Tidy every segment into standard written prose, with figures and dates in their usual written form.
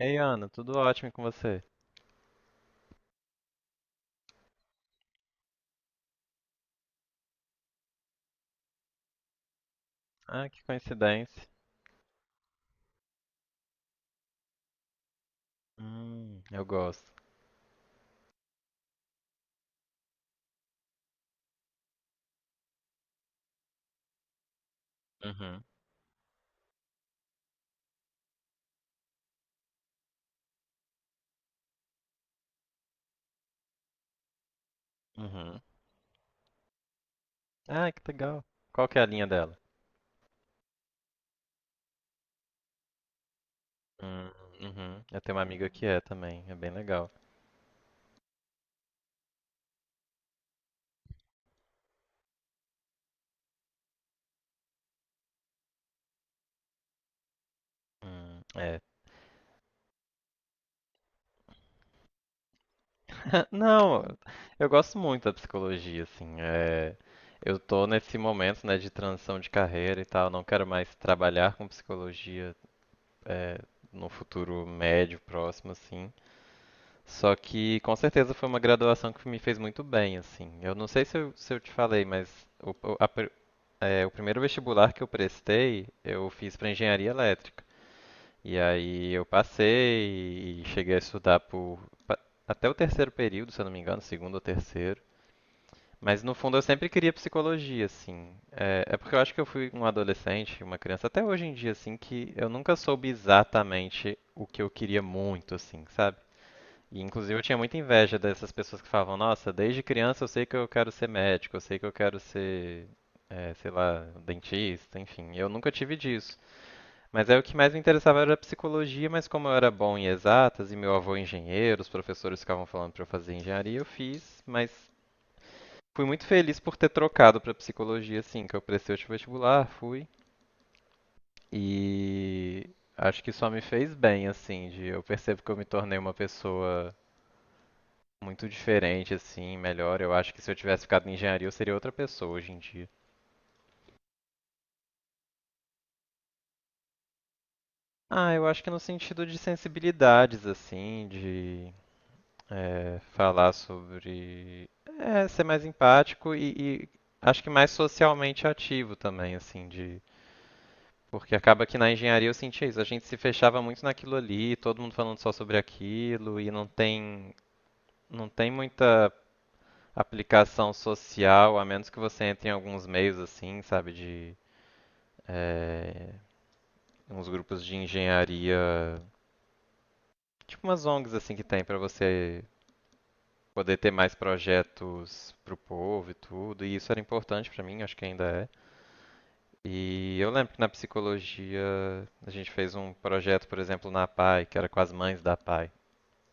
Ei, Ana, tudo ótimo e com você? Ah, que coincidência. Eu gosto. Uhum, uhum. Ah, que legal. Qual que é a linha dela? Hum, uhum. Eu tenho uma amiga que é também, é bem legal. É. Ah, Não, eu gosto muito da psicologia, assim. Eu tô nesse momento, né, de transição de carreira e tal. Não quero mais trabalhar com psicologia, é, no futuro médio, próximo, assim. Só que com certeza foi uma graduação que me fez muito bem, assim. Eu não sei se eu te falei, mas o primeiro vestibular que eu prestei, eu fiz para engenharia elétrica. E aí eu passei e cheguei a estudar por pa- até o terceiro período, se eu não me engano, segundo ou terceiro. Mas no fundo eu sempre queria psicologia, assim. É porque eu acho que eu fui um adolescente, uma criança, até hoje em dia, assim, que eu nunca soube exatamente o que eu queria muito, assim, sabe? E, inclusive, eu tinha muita inveja dessas pessoas que falavam: Nossa, desde criança eu sei que eu quero ser médico, eu sei que eu quero ser, sei lá, dentista, enfim. Eu nunca tive disso. Mas aí o que mais me interessava era a psicologia, mas como eu era bom em exatas e meu avô é engenheiro, os professores ficavam falando para eu fazer engenharia, eu fiz, mas fui muito feliz por ter trocado para psicologia, assim, que eu prestei o vestibular, fui. E acho que só me fez bem, assim, de eu percebo que eu me tornei uma pessoa muito diferente, assim, melhor. Eu acho que se eu tivesse ficado em engenharia, eu seria outra pessoa hoje em dia. Ah, eu acho que no sentido de sensibilidades, assim, de falar sobre. É, ser mais empático e acho que mais socialmente ativo também, assim, de. Porque acaba que na engenharia eu sentia isso, a gente se fechava muito naquilo ali, todo mundo falando só sobre aquilo, e não tem muita aplicação social, a menos que você entre em alguns meios assim, sabe, de é, uns grupos de engenharia, tipo umas ONGs assim que tem para você poder ter mais projetos pro povo e tudo, e isso era importante para mim, acho que ainda é. E eu lembro que na psicologia a gente fez um projeto, por exemplo, na PAI, que era com as mães da PAI,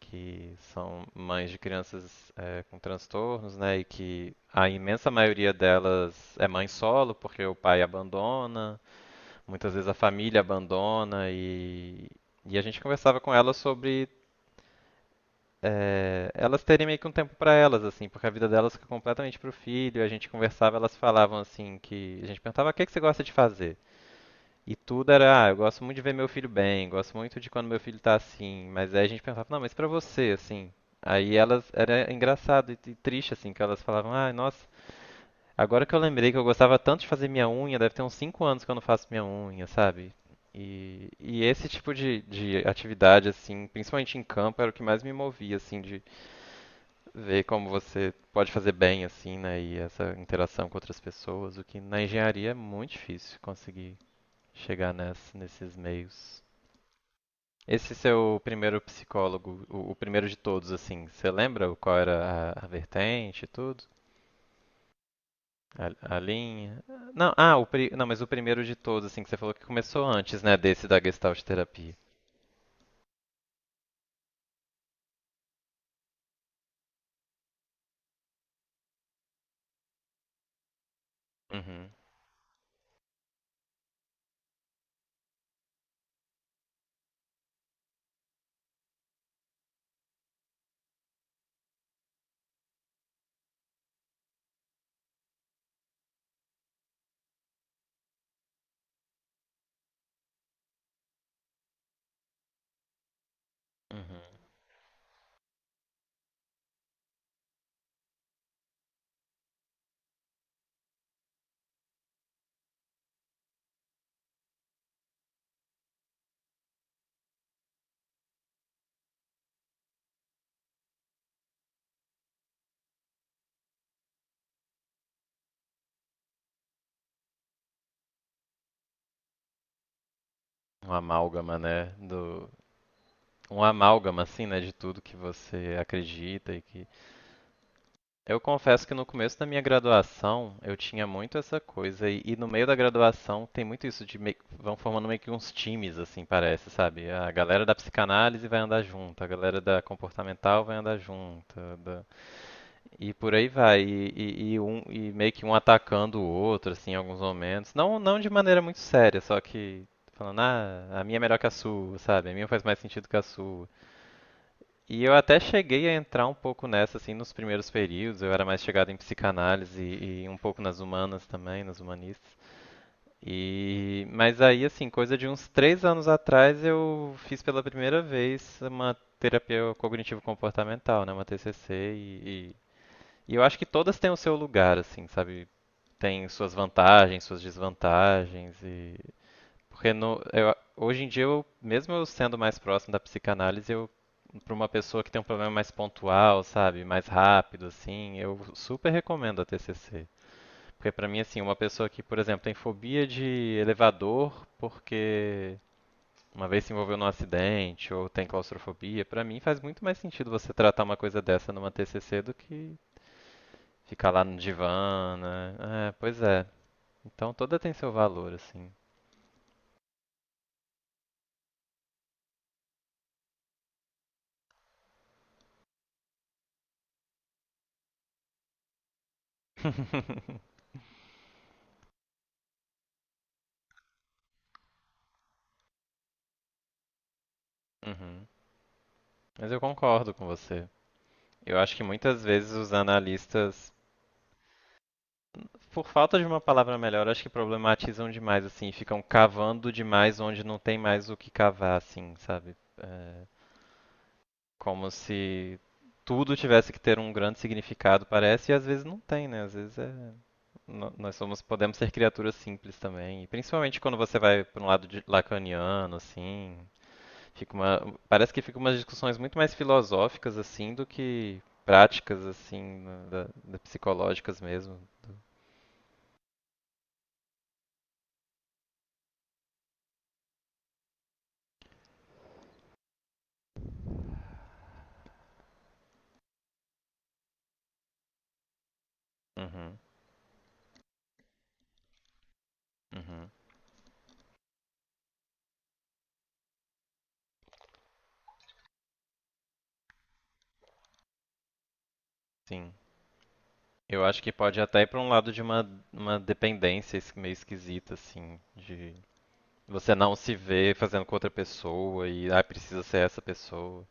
que são mães de crianças com transtornos, né? E que a imensa maioria delas é mãe solo, porque o pai abandona, muitas vezes a família abandona e a gente conversava com elas sobre elas terem meio que um tempo para elas, assim, porque a vida delas fica completamente pro filho. E a gente conversava, elas falavam assim que a gente perguntava o que que você gosta de fazer. E tudo era, ah, eu gosto muito de ver meu filho bem, gosto muito de quando meu filho tá assim. Mas aí a gente perguntava, não, mas pra você, assim. Aí elas, era engraçado e triste, assim, que elas falavam, ah, nossa, agora que eu lembrei que eu gostava tanto de fazer minha unha, deve ter uns 5 anos que eu não faço minha unha, sabe? E esse tipo de atividade, assim, principalmente em campo, era o que mais me movia, assim, de ver como você pode fazer bem, assim, né? E essa interação com outras pessoas, o que na engenharia é muito difícil conseguir chegar nesses meios. Esse seu primeiro psicólogo, o primeiro de todos, assim, você lembra qual era a vertente e tudo? A linha. Não, não, mas o primeiro de todos, assim, que você falou que começou antes, né, desse da Gestalt terapia. Uhum, uhum. Um amálgama, né, do um amálgama assim, né, de tudo que você acredita e que eu confesso que no começo da minha graduação, eu tinha muito essa coisa e no meio da graduação tem muito isso de meio, vão formando meio que uns times assim, parece, sabe? A galera da psicanálise vai andar junto, a galera da comportamental vai andar junto, da e por aí vai, e meio que um atacando o outro, assim, em alguns momentos. Não de maneira muito séria, só que falando, ah, a minha é melhor que a sua, sabe? A minha faz mais sentido que a sua. E eu até cheguei a entrar um pouco nessa, assim, nos primeiros períodos. Eu era mais chegado em psicanálise e um pouco nas humanas também, nas humanistas. E, mas aí, assim, coisa de uns 3 anos atrás, eu fiz pela primeira vez uma terapia cognitivo-comportamental, né, uma TCC, e eu acho que todas têm o seu lugar, assim, sabe? Tem suas vantagens, suas desvantagens e porque no, hoje em dia eu, mesmo eu sendo mais próximo da psicanálise, eu para uma pessoa que tem um problema mais pontual, sabe, mais rápido assim, eu super recomendo a TCC. Porque pra mim assim, uma pessoa que, por exemplo, tem fobia de elevador porque uma vez se envolveu num acidente ou tem claustrofobia, pra mim faz muito mais sentido você tratar uma coisa dessa numa TCC do que ficar lá no divã, né? É, pois é. Então toda tem seu valor, assim. Uhum. Mas eu concordo com você. Eu acho que muitas vezes os analistas, por falta de uma palavra melhor, acho que problematizam demais, assim, ficam cavando demais onde não tem mais o que cavar, assim, sabe? É, como se tudo tivesse que ter um grande significado, parece, e às vezes não tem, né? Às vezes é no- nós somos, podemos ser criaturas simples também. E principalmente quando você vai para um lado lacaniano, assim, fica uma, parece que fica umas discussões muito mais filosóficas assim do que práticas assim, da psicológicas mesmo. Uhum, uhum, sim. Eu acho que pode até ir para um lado de uma dependência meio esquisita, assim, de você não se ver fazendo com outra pessoa e, ah, precisa ser essa pessoa.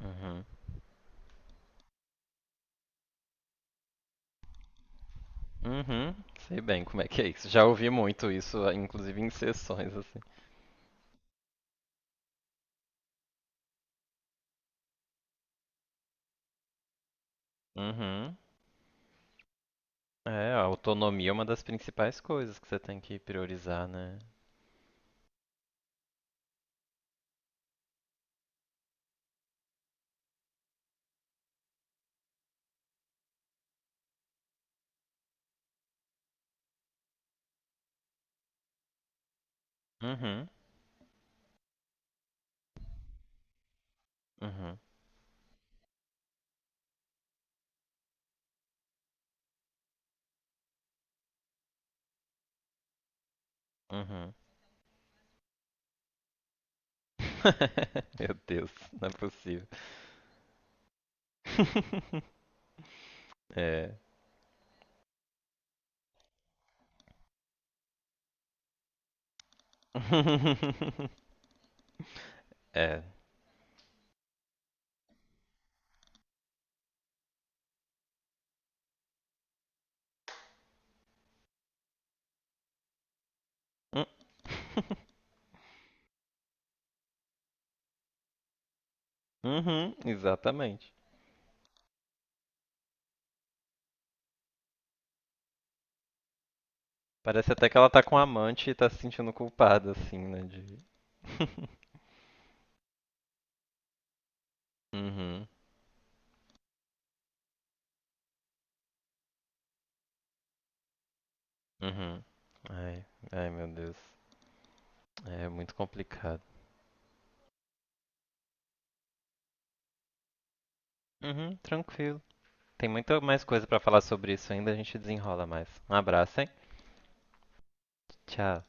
Uhum. Uhum. Sei bem como é que é isso. Já ouvi muito isso, inclusive em sessões, assim. Uhum. É, a autonomia é uma das principais coisas que você tem que priorizar, né? Uhum, uhum, uhum. Meu Deus, não é possível. É. É. Hum. Uhum, exatamente. Parece até que ela tá com um amante e tá se sentindo culpada, assim, né? De uhum, uhum. Ai, ai, meu Deus. É muito complicado. Uhum, tranquilo. Tem muita mais coisa pra falar sobre isso ainda, a gente desenrola mais. Um abraço, hein? Tchau.